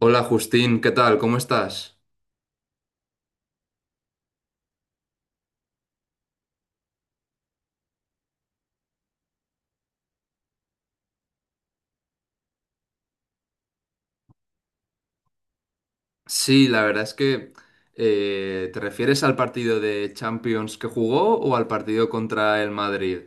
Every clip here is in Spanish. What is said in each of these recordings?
Hola Justín, ¿qué tal? ¿Cómo estás? Sí, la verdad es que ¿te refieres al partido de Champions que jugó o al partido contra el Madrid?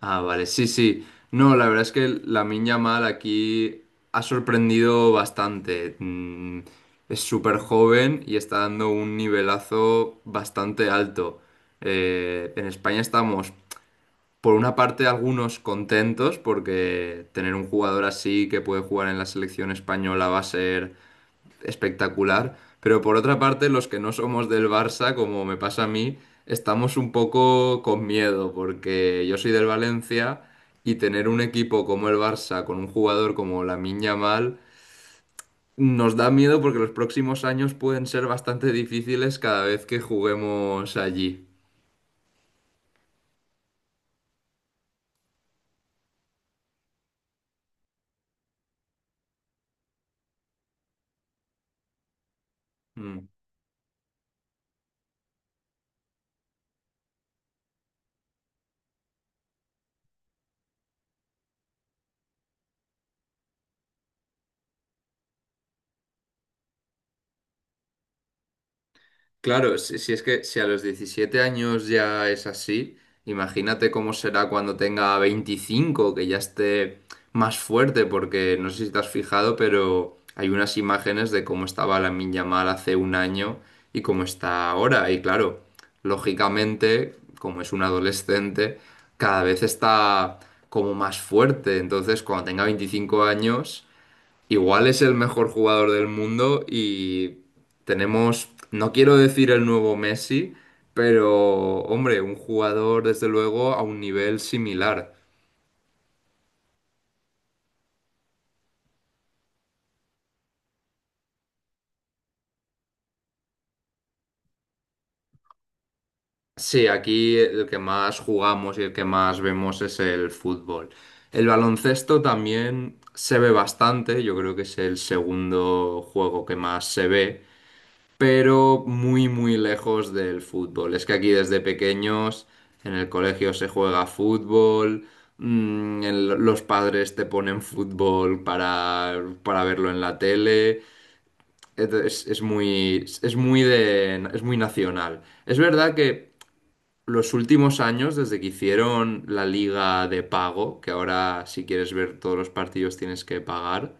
Ah, vale, sí, sí. No, la verdad es que Lamine Yamal aquí ha sorprendido bastante. Mm, Es súper joven y está dando un nivelazo bastante alto. En España estamos. Por una parte, algunos contentos porque tener un jugador así que puede jugar en la selección española va a ser espectacular, pero por otra parte, los que no somos del Barça, como me pasa a mí, estamos un poco con miedo porque yo soy del Valencia y tener un equipo como el Barça con un jugador como Lamine Yamal nos da miedo porque los próximos años pueden ser bastante difíciles cada vez que juguemos allí. Mm. Claro, si es que si a los 17 años ya es así, imagínate cómo será cuando tenga 25, que ya esté más fuerte, porque no sé si te has fijado, pero hay unas imágenes de cómo estaba la Yamal hace un año y cómo está ahora. Y claro, lógicamente, como es un adolescente, cada vez está como más fuerte. Entonces, cuando tenga 25 años... Igual es el mejor jugador del mundo y tenemos, no quiero decir el nuevo Messi, pero hombre, un jugador desde luego a un nivel similar. Sí, aquí el que más jugamos y el que más vemos es el fútbol. El baloncesto también se ve bastante, yo creo que es el segundo juego que más se ve, pero muy, muy lejos del fútbol. Es que aquí desde pequeños en el colegio se juega fútbol, los padres te ponen fútbol para verlo en la tele. Es muy nacional. Es verdad que los últimos años, desde que hicieron la liga de pago, que ahora si quieres ver todos los partidos tienes que pagar,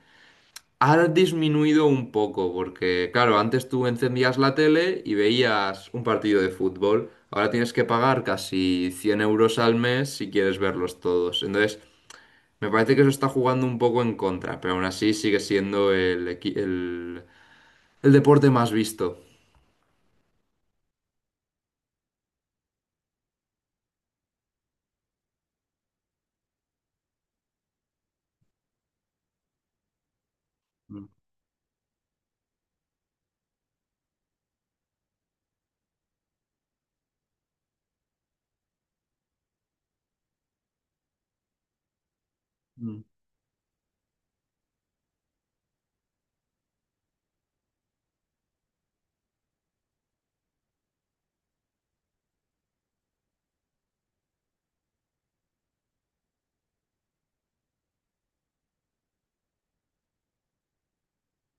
ha disminuido un poco, porque claro, antes tú encendías la tele y veías un partido de fútbol. Ahora tienes que pagar casi 100 euros al mes si quieres verlos todos. Entonces, me parece que eso está jugando un poco en contra, pero aún así sigue siendo el deporte más visto. Mm.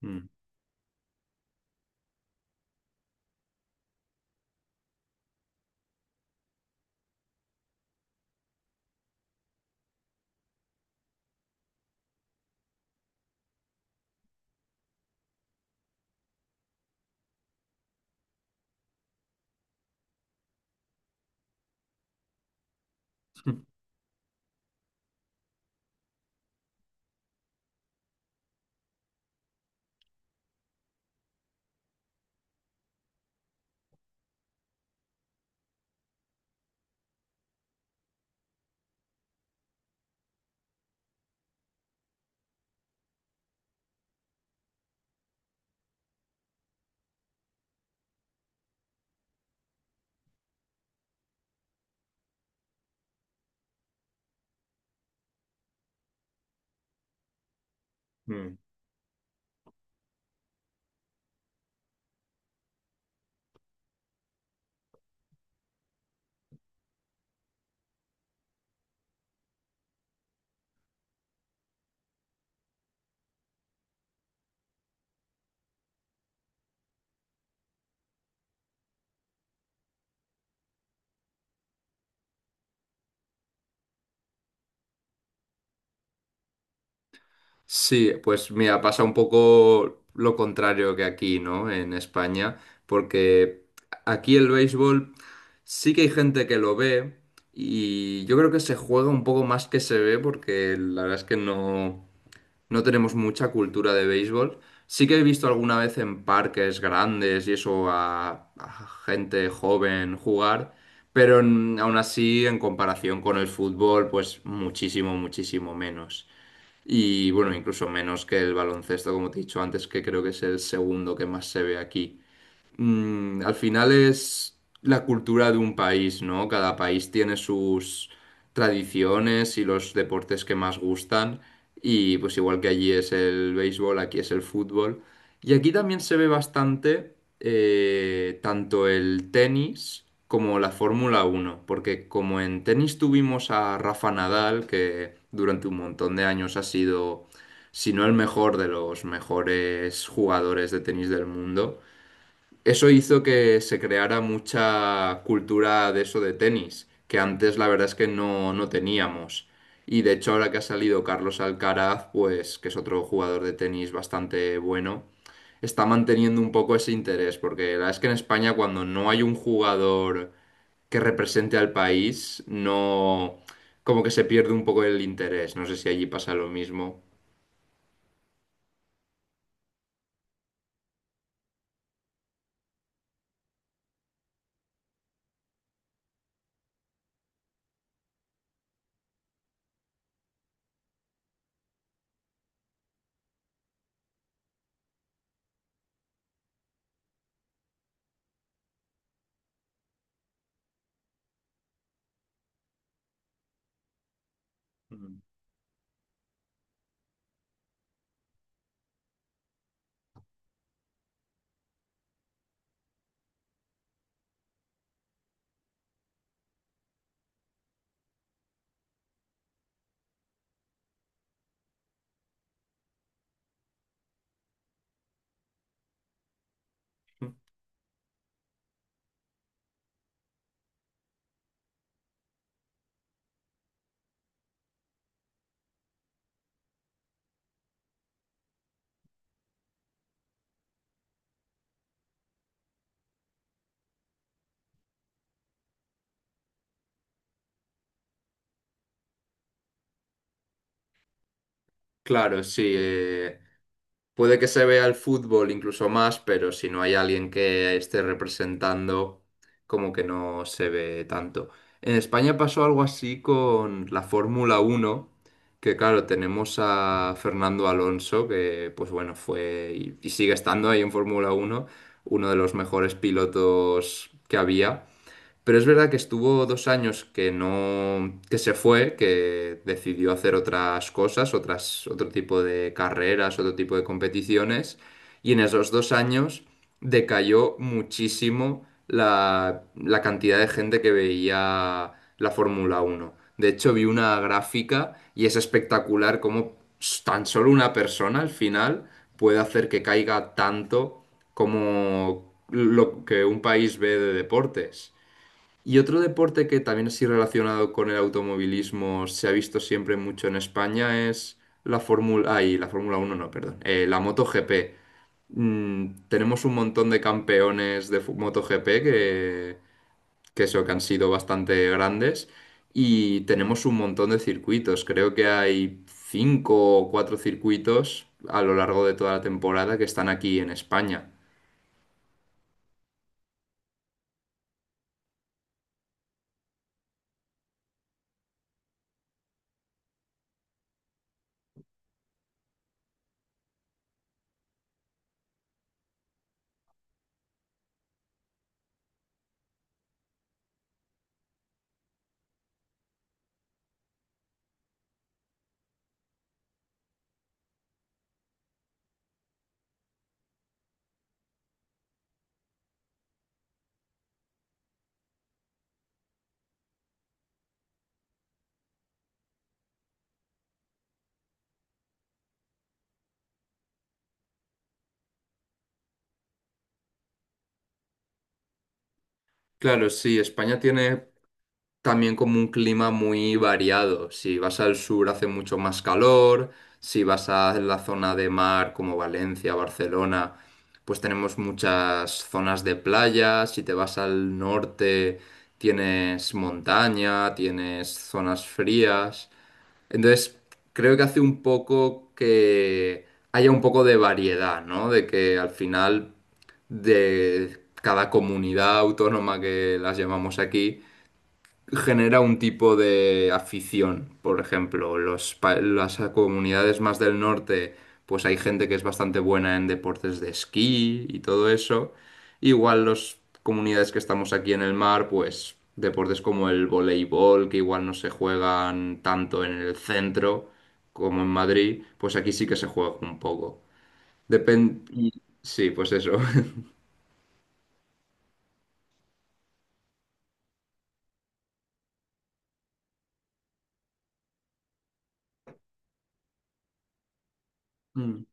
Mm. Sí, pues mira, pasa un poco lo contrario que aquí, ¿no? En España, porque aquí el béisbol sí que hay gente que lo ve y yo creo que se juega un poco más que se ve porque la verdad es que no, no tenemos mucha cultura de béisbol. Sí que he visto alguna vez en parques grandes y eso a gente joven jugar, pero aún así en comparación con el fútbol, pues muchísimo, muchísimo menos. Y bueno, incluso menos que el baloncesto, como te he dicho antes, que creo que es el segundo que más se ve aquí. Mm, al final es la cultura de un país, ¿no? Cada país tiene sus tradiciones y los deportes que más gustan. Y pues igual que allí es el béisbol, aquí es el fútbol. Y aquí también se ve bastante, tanto el tenis como la Fórmula Uno, porque como en tenis tuvimos a Rafa Nadal, que durante un montón de años ha sido, si no el mejor, de los mejores jugadores de tenis del mundo, eso hizo que se creara mucha cultura de eso de tenis, que antes la verdad es que no, no teníamos. Y de hecho ahora que ha salido Carlos Alcaraz, pues que es otro jugador de tenis bastante bueno, está manteniendo un poco ese interés, porque la verdad es que en España cuando no hay un jugador que represente al país, no, como que se pierde un poco el interés. No sé si allí pasa lo mismo. Mm. Claro, sí. Puede que se vea el fútbol incluso más, pero si no hay alguien que esté representando, como que no se ve tanto. En España pasó algo así con la Fórmula Uno, que claro, tenemos a Fernando Alonso, que pues bueno, fue y sigue estando ahí en Fórmula Uno, uno de los mejores pilotos que había. Pero es verdad que estuvo dos años que no, que se fue, que decidió hacer otras cosas, otro tipo de carreras, otro tipo de competiciones, y en esos dos años decayó muchísimo la cantidad de gente que veía la Fórmula Uno. De hecho, vi una gráfica y es espectacular cómo tan solo una persona al final puede hacer que caiga tanto como lo que un país ve de deportes. Y otro deporte que también así relacionado con el automovilismo se ha visto siempre mucho en España es la Fórmula, ay, la Fórmula Uno no, perdón, la MotoGP. Mm, tenemos un montón de campeones de MotoGP que han sido bastante grandes y tenemos un montón de circuitos. Creo que hay cinco o cuatro circuitos a lo largo de toda la temporada que están aquí en España. Claro, sí, España tiene también como un clima muy variado. Si vas al sur hace mucho más calor, si vas a la zona de mar como Valencia, Barcelona, pues tenemos muchas zonas de playa. Si te vas al norte, tienes montaña, tienes zonas frías. Entonces, creo que hace un poco que haya un poco de variedad, ¿no? De que al final de cada comunidad autónoma, que las llamamos aquí, genera un tipo de afición. Por ejemplo, las comunidades más del norte, pues hay gente que es bastante buena en deportes de esquí y todo eso. Igual las comunidades que estamos aquí en el mar, pues deportes como el voleibol, que igual no se juegan tanto en el centro como en Madrid, pues aquí sí que se juega un poco. Depende... Sí, pues eso. Mm.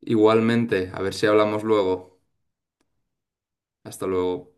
Igualmente, a ver si hablamos luego. Hasta luego.